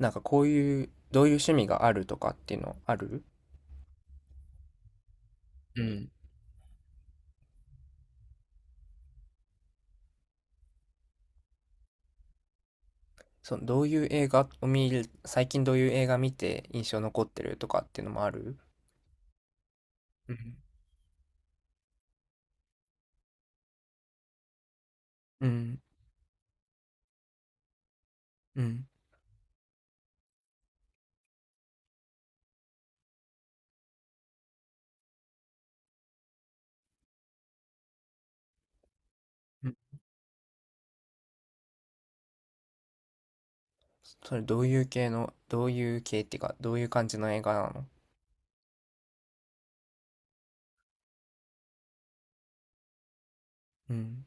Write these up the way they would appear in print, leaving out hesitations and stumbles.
なんかこういう、どういう趣味があるとかっていうのある？うん。そのどういう映画を見る、最近どういう映画見て印象残ってるとかっていうのもある？うん。うん。うん。うん。それどういう系の、どういう系っていうか、どういう感じの映画なの？うん。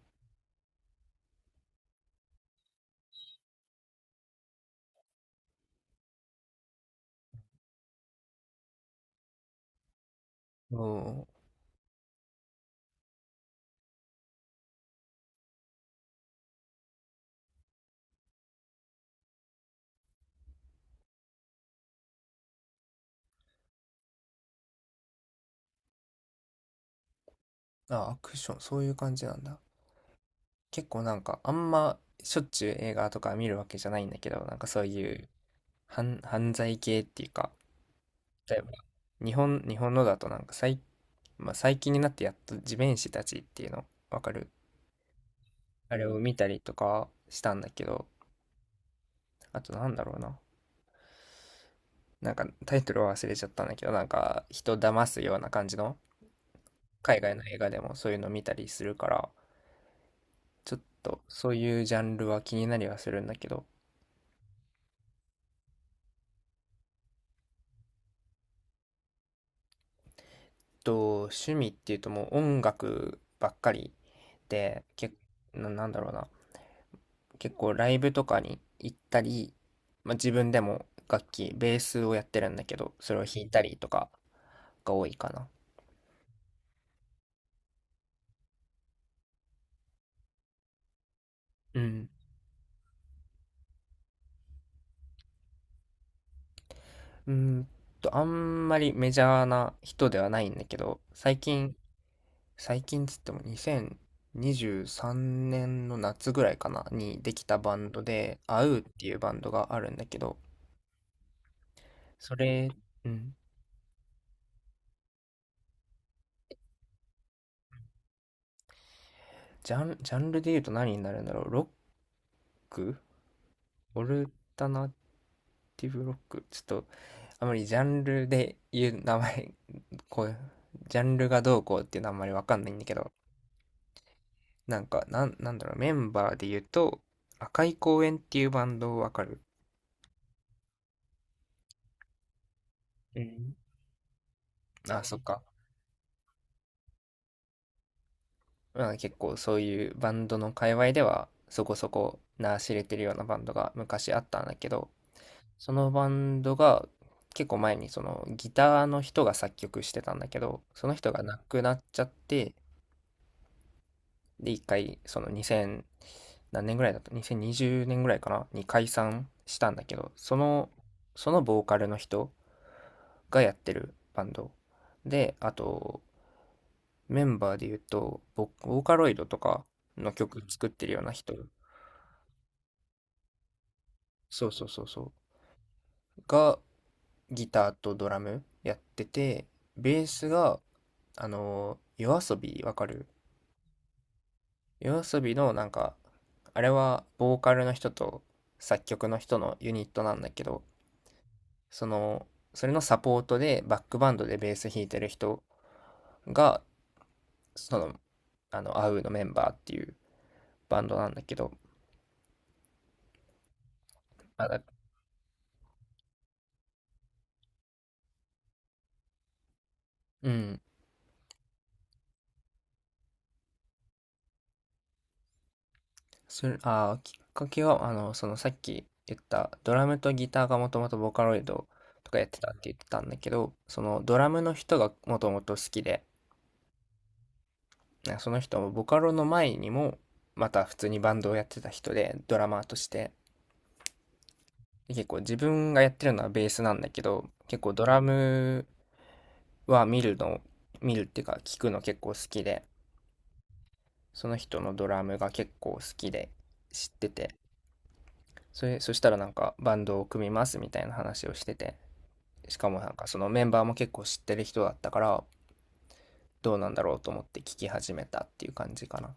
おー。あ、アクション、そういう感じなんだ。結構なんか、あんましょっちゅう映画とか見るわけじゃないんだけど、なんかそういう犯罪系っていうか、例えば、日本のだとなんかまあ、最近になってやっと地面師たちっていうのわかる？あれを見たりとかしたんだけど、あとなんだろうな、なんかタイトルは忘れちゃったんだけどなんか人騙すような感じの海外の映画でもそういうの見たりするから、ちょっとそういうジャンルは気になりはするんだけど、と趣味っていうともう音楽ばっかりでけななんだろうな、結構ライブとかに行ったり、まあ、自分でも楽器ベースをやってるんだけどそれを弾いたりとかが多いかな。うん。うーんと、あんまりメジャーな人ではないんだけど、最近、最近つっても2023年の夏ぐらいかな、にできたバンドで、アウーっていうバンドがあるんだけど、それ、うん、ジャンルで言うと何になるんだろう、ロックオルタナティブロックちょっと、あまりジャンルで言う名前、こう、ジャンルがどうこうっていうのはあんまりわかんないんだけど、なんか、なんだろう、メンバーで言うと、赤い公園っていうバンドわかる？あ、そっか。まあ、結構そういうバンドの界隈では、そこそこ名知れてるようなバンドが昔あったんだけど、そのバンドが結構前にそのギターの人が作曲してたんだけど、その人が亡くなっちゃって、で、一回その2000、何年ぐらいだった2020年ぐらいかなに解散したんだけど、その、そのボーカルの人がやってるバンド。で、あと、メンバーで言うと、ボーカロイドとかの曲作ってるような人、そうそうそうそう、がギターとドラムやってて、ベースが、あの夜遊びわかる？夜遊びのなんか、あれはボーカルの人と作曲の人のユニットなんだけど、その、それのサポートでバックバンドでベース弾いてる人が、その、アウのメンバーっていうバンドなんだけど、あ、うん。それ、きっかけは、あの、そのさっき言ったドラムとギターがもともとボカロイドとかやってたって言ってたんだけど、そのドラムの人がもともと好きで、なんかその人もボカロの前にも、また普通にバンドをやってた人で、ドラマーとして。で結構自分がやってるのはベースなんだけど、結構ドラムは見るの、見るっていうか聞くの結構好きで、その人のドラムが結構好きで知ってて、それ、そしたらなんかバンドを組みますみたいな話をしてて、しかもなんかそのメンバーも結構知ってる人だったから、どうなんだろうと思って聞き始めたっていう感じかな。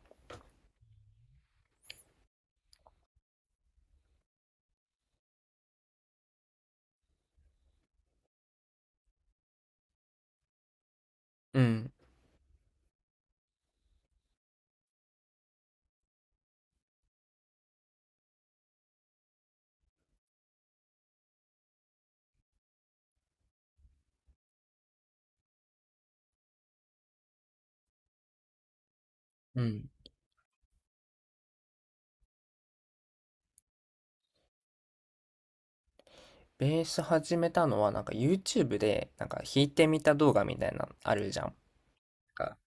うん。うん。ベース始めたのはなんか YouTube でなんか弾いてみた動画みたいなのあるじゃん。なんか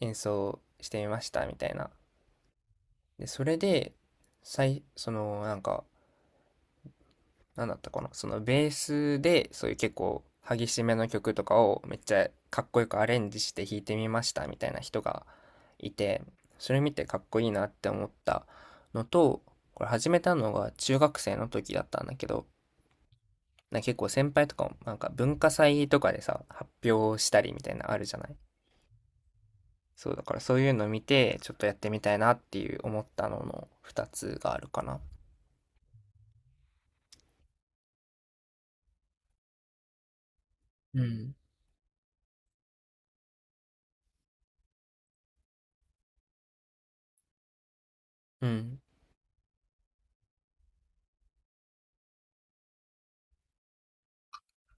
演奏してみましたみたいな。で、それで、そのなんかなんだったかな、そのベースで、そういう結構激しめの曲とかをめっちゃかっこよくアレンジして弾いてみましたみたいな人がいて、それ見てかっこいいなって思ったのと、これ始めたのが中学生の時だったんだけど、なんか結構先輩とかもなんか文化祭とかでさ、発表したりみたいなあるじゃない？そう、だからそういうの見て、ちょっとやってみたいなっていう思ったのの2つがあるかな。うん、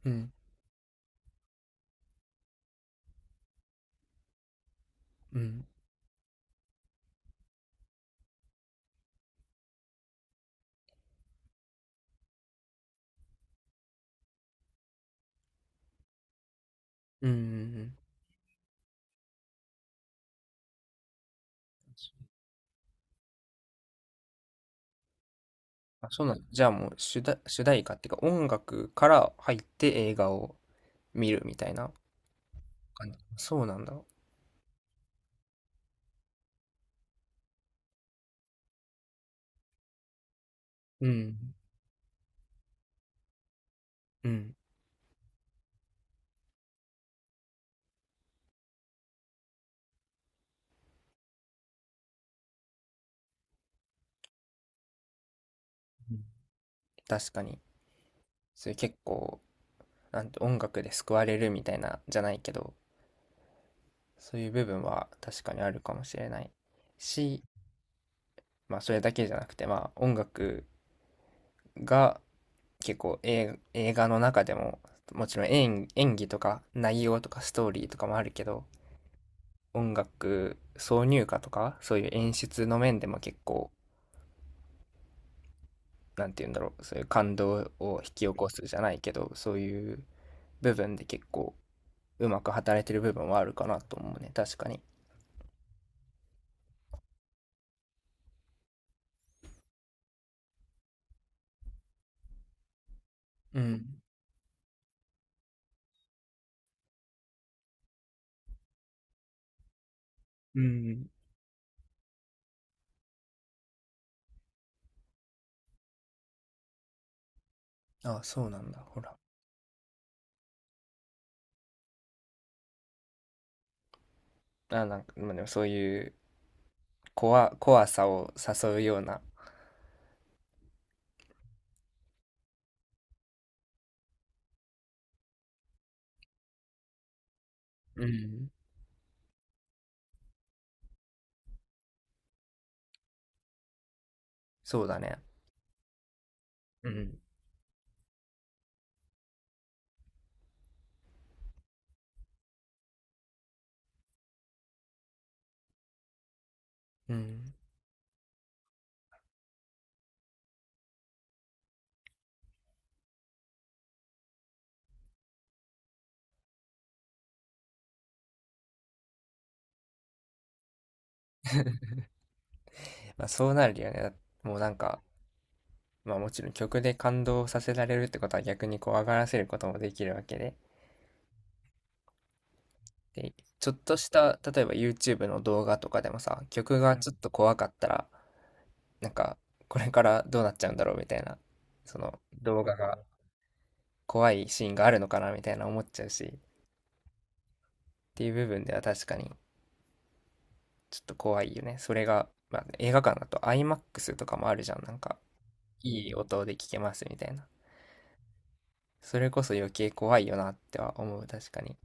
うん、うん、うん、うん、うん。あ、そうなんだ。じゃあもう主題歌っていうか音楽から入って映画を見るみたいな感じ。そうなんだ。うん。うん。うん、確かに。そういう結構、なんて音楽で救われるみたいなじゃないけど、そういう部分は確かにあるかもしれないし、まあそれだけじゃなくて、まあ音楽が結構映画の中でも、もちろん演技とか内容とかストーリーとかもあるけど、音楽挿入歌とかそういう演出の面でも結構なんて言うんだろう、そういう感動を引き起こすじゃないけどそういう部分で結構うまく働いてる部分はあるかなと思うね、確かに。うん。うん。あ、そうなんだ。あ、なんか、まあ、でもそういう怖さを誘うような、うん、そうだね、うん、うん、まあそうなるよねもうなんか、まあもちろん曲で感動させられるってことは逆に怖がらせることもできるわけで、で、ちょっとした、例えば YouTube の動画とかでもさ、曲がちょっと怖かったら、なんか、これからどうなっちゃうんだろうみたいな、その動画が怖いシーンがあるのかなみたいな思っちゃうし、っていう部分では確かにちょっと怖いよね。それが、まあ、映画館だと IMAX とかもあるじゃん。なんか、いい音で聞けますみたいな。それこそ余計怖いよなっては思う、確かに。